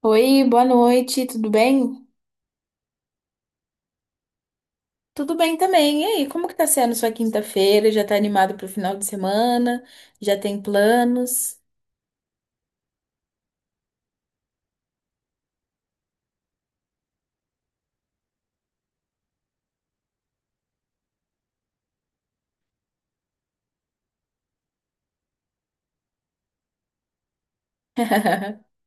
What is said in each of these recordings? Oi, boa noite, tudo bem? Tudo bem também. E aí, como que tá sendo sua quinta-feira? Já tá animado pro final de semana? Já tem planos?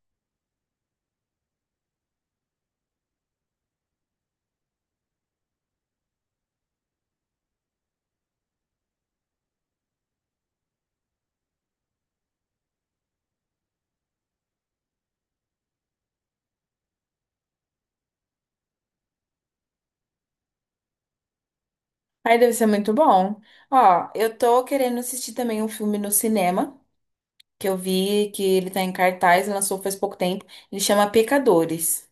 Ai, deve ser muito bom. Ó, eu tô querendo assistir também um filme no cinema, que eu vi que ele tá em cartaz, lançou faz pouco tempo. Ele chama Pecadores.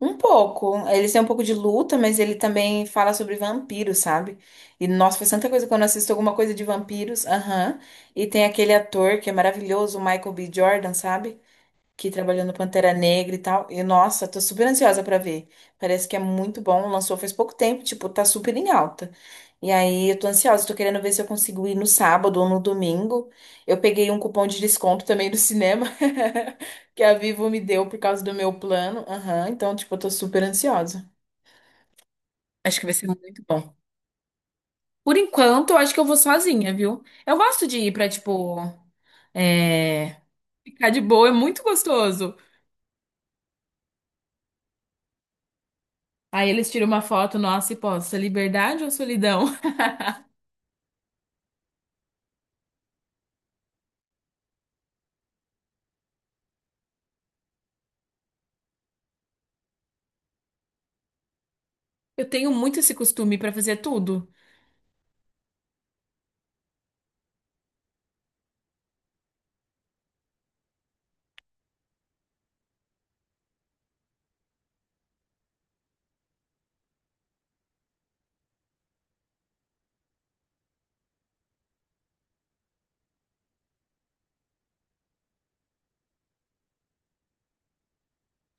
Um pouco. Eles têm um pouco de luta, mas ele também fala sobre vampiros, sabe? E nossa, faz tanta coisa quando eu assisto alguma coisa de vampiros. Aham. E tem aquele ator que é maravilhoso, o Michael B. Jordan, sabe? Que trabalhou no Pantera Negra e tal. E nossa, tô super ansiosa pra ver. Parece que é muito bom, lançou faz pouco tempo, tipo, tá super em alta. E aí eu tô ansiosa, tô querendo ver se eu consigo ir no sábado ou no domingo. Eu peguei um cupom de desconto também do cinema que a Vivo me deu por causa do meu plano. Aham, então, tipo, eu tô super ansiosa. Acho que vai ser muito bom. Por enquanto, eu acho que eu vou sozinha, viu? Eu gosto de ir pra, tipo, é, ficar de boa, é muito gostoso. Aí eles tiram uma foto nossa e posta liberdade ou solidão? Eu tenho muito esse costume pra fazer tudo.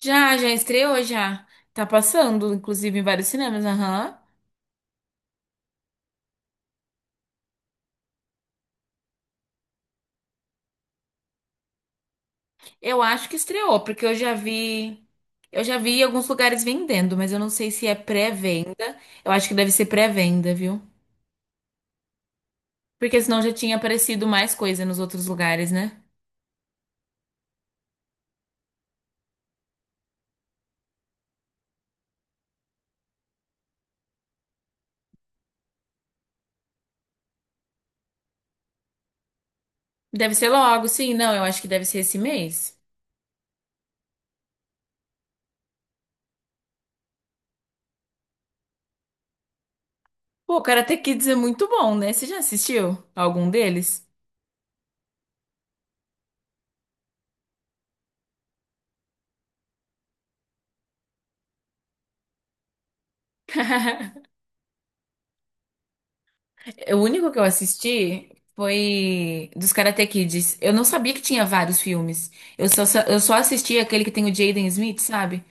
Já, já estreou, já. Tá passando, inclusive, em vários cinemas, aham. Eu acho que estreou, porque eu já vi. Eu já vi em alguns lugares vendendo, mas eu não sei se é pré-venda. Eu acho que deve ser pré-venda, viu? Porque senão já tinha aparecido mais coisa nos outros lugares, né? Deve ser logo, sim. Não, eu acho que deve ser esse mês. Pô, o Karate Kids é muito bom, né? Você já assistiu algum deles? O único que eu assisti foi dos Karate Kids. Eu não sabia que tinha vários filmes. Eu só assisti aquele que tem o Jaden Smith, sabe?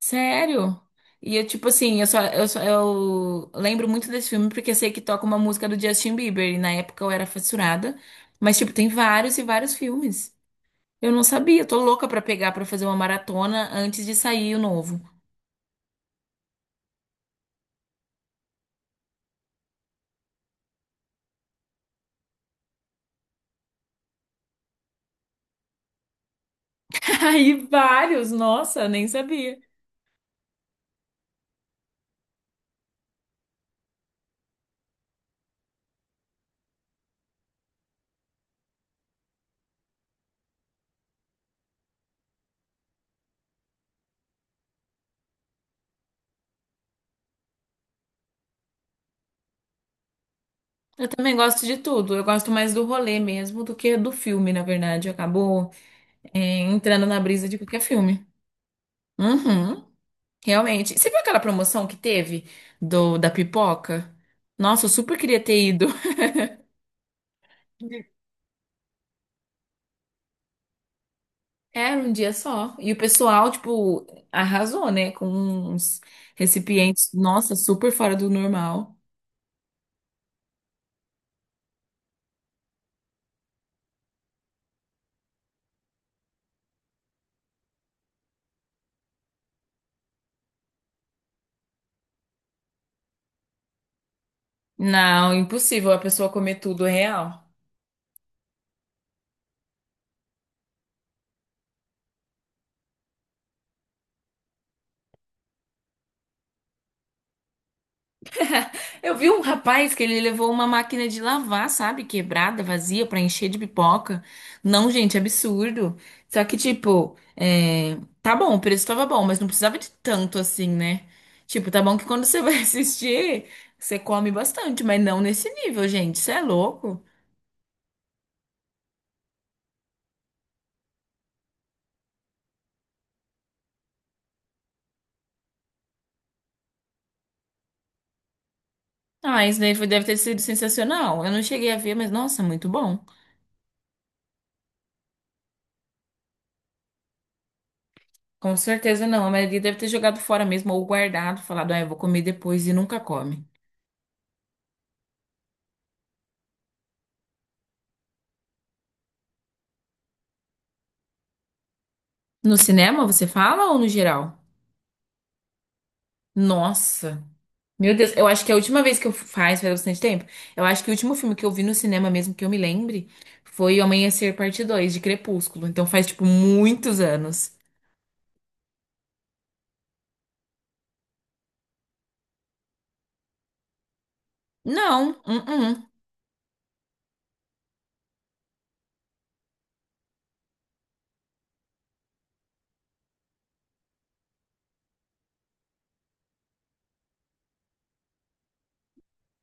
Sério? E eu, tipo assim, eu lembro muito desse filme porque eu sei que toca uma música do Justin Bieber. E na época eu era fissurada. Mas, tipo, tem vários e vários filmes. Eu não sabia. Eu tô louca pra pegar pra fazer uma maratona antes de sair o novo. Aí, vários! Nossa, nem sabia. Eu também gosto de tudo. Eu gosto mais do rolê mesmo do que do filme, na verdade. Acabou, é, entrando na brisa de qualquer filme. Uhum, realmente. Você viu aquela promoção que teve do da pipoca? Nossa, eu super queria ter ido. Era um dia só. E o pessoal, tipo, arrasou, né? Com uns recipientes, nossa, super fora do normal. Não, impossível a pessoa comer tudo real. Eu vi um rapaz que ele levou uma máquina de lavar, sabe? Quebrada, vazia, pra encher de pipoca. Não, gente, absurdo. Só que, tipo, é, tá bom, o preço tava bom, mas não precisava de tanto assim, né? Tipo, tá bom que quando você vai assistir, você come bastante, mas não nesse nível, gente. Isso é louco. Ah, isso daí foi- deve ter sido sensacional. Eu não cheguei a ver, mas nossa, muito bom. Com certeza não. A maioria deve ter jogado fora mesmo ou guardado, falado, ah, eu vou comer depois e nunca come. No cinema, você fala ou no geral? Nossa. Meu Deus, eu acho que a última vez que faz bastante tempo. Eu acho que o último filme que eu vi no cinema mesmo que eu me lembre foi O Amanhecer Parte 2 de Crepúsculo. Então faz tipo muitos anos. Não, uh-uh.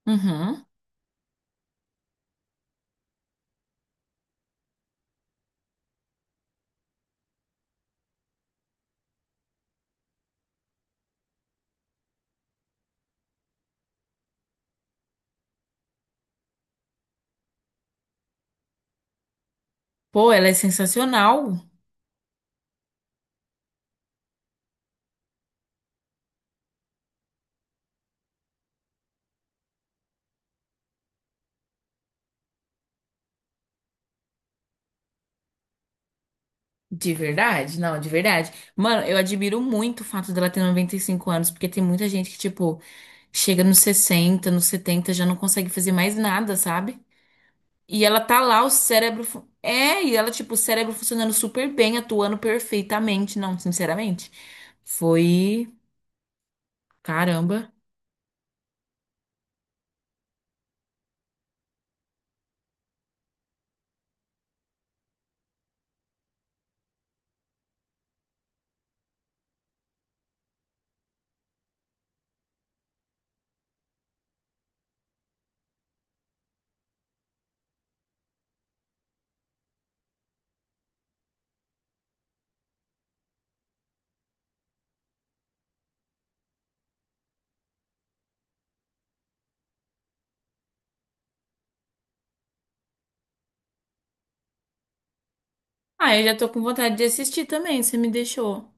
Uhum. Pô, ela é sensacional. De verdade? Não, de verdade. Mano, eu admiro muito o fato dela ter 95 anos, porque tem muita gente que, tipo, chega nos 60, nos 70, já não consegue fazer mais nada, sabe? E ela tá lá, o cérebro. É, e ela, tipo, o cérebro funcionando super bem, atuando perfeitamente. Não, sinceramente. Foi. Caramba. Ah, eu já tô com vontade de assistir também, você me deixou.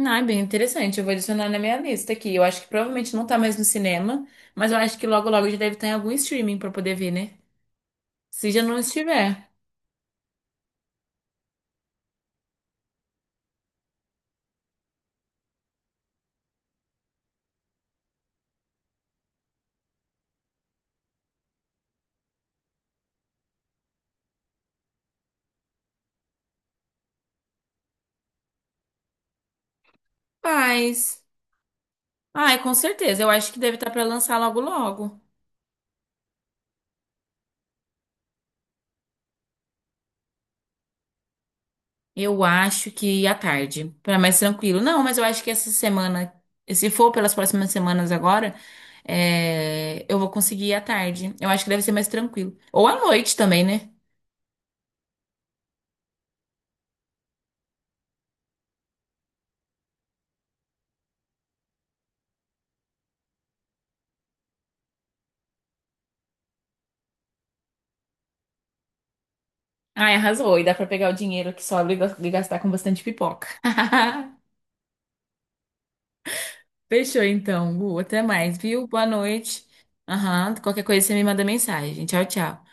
Ah, é bem interessante. Eu vou adicionar na minha lista aqui. Eu acho que provavelmente não tá mais no cinema, mas eu acho que logo logo já deve estar em algum streaming pra poder ver, né? Se já não estiver. Mas. Ah, é, com certeza. Eu acho que deve estar pra lançar logo logo. Eu acho que à tarde, para mais tranquilo. Não, mas eu acho que essa semana, se for pelas próximas semanas agora, é, eu vou conseguir ir à tarde. Eu acho que deve ser mais tranquilo. Ou à noite também, né? Ai, arrasou. E dá pra pegar o dinheiro que sobra e gastar com bastante pipoca. Fechou então, Gu. Até mais, viu? Boa noite. Aham. Qualquer coisa você me manda mensagem. Tchau, tchau.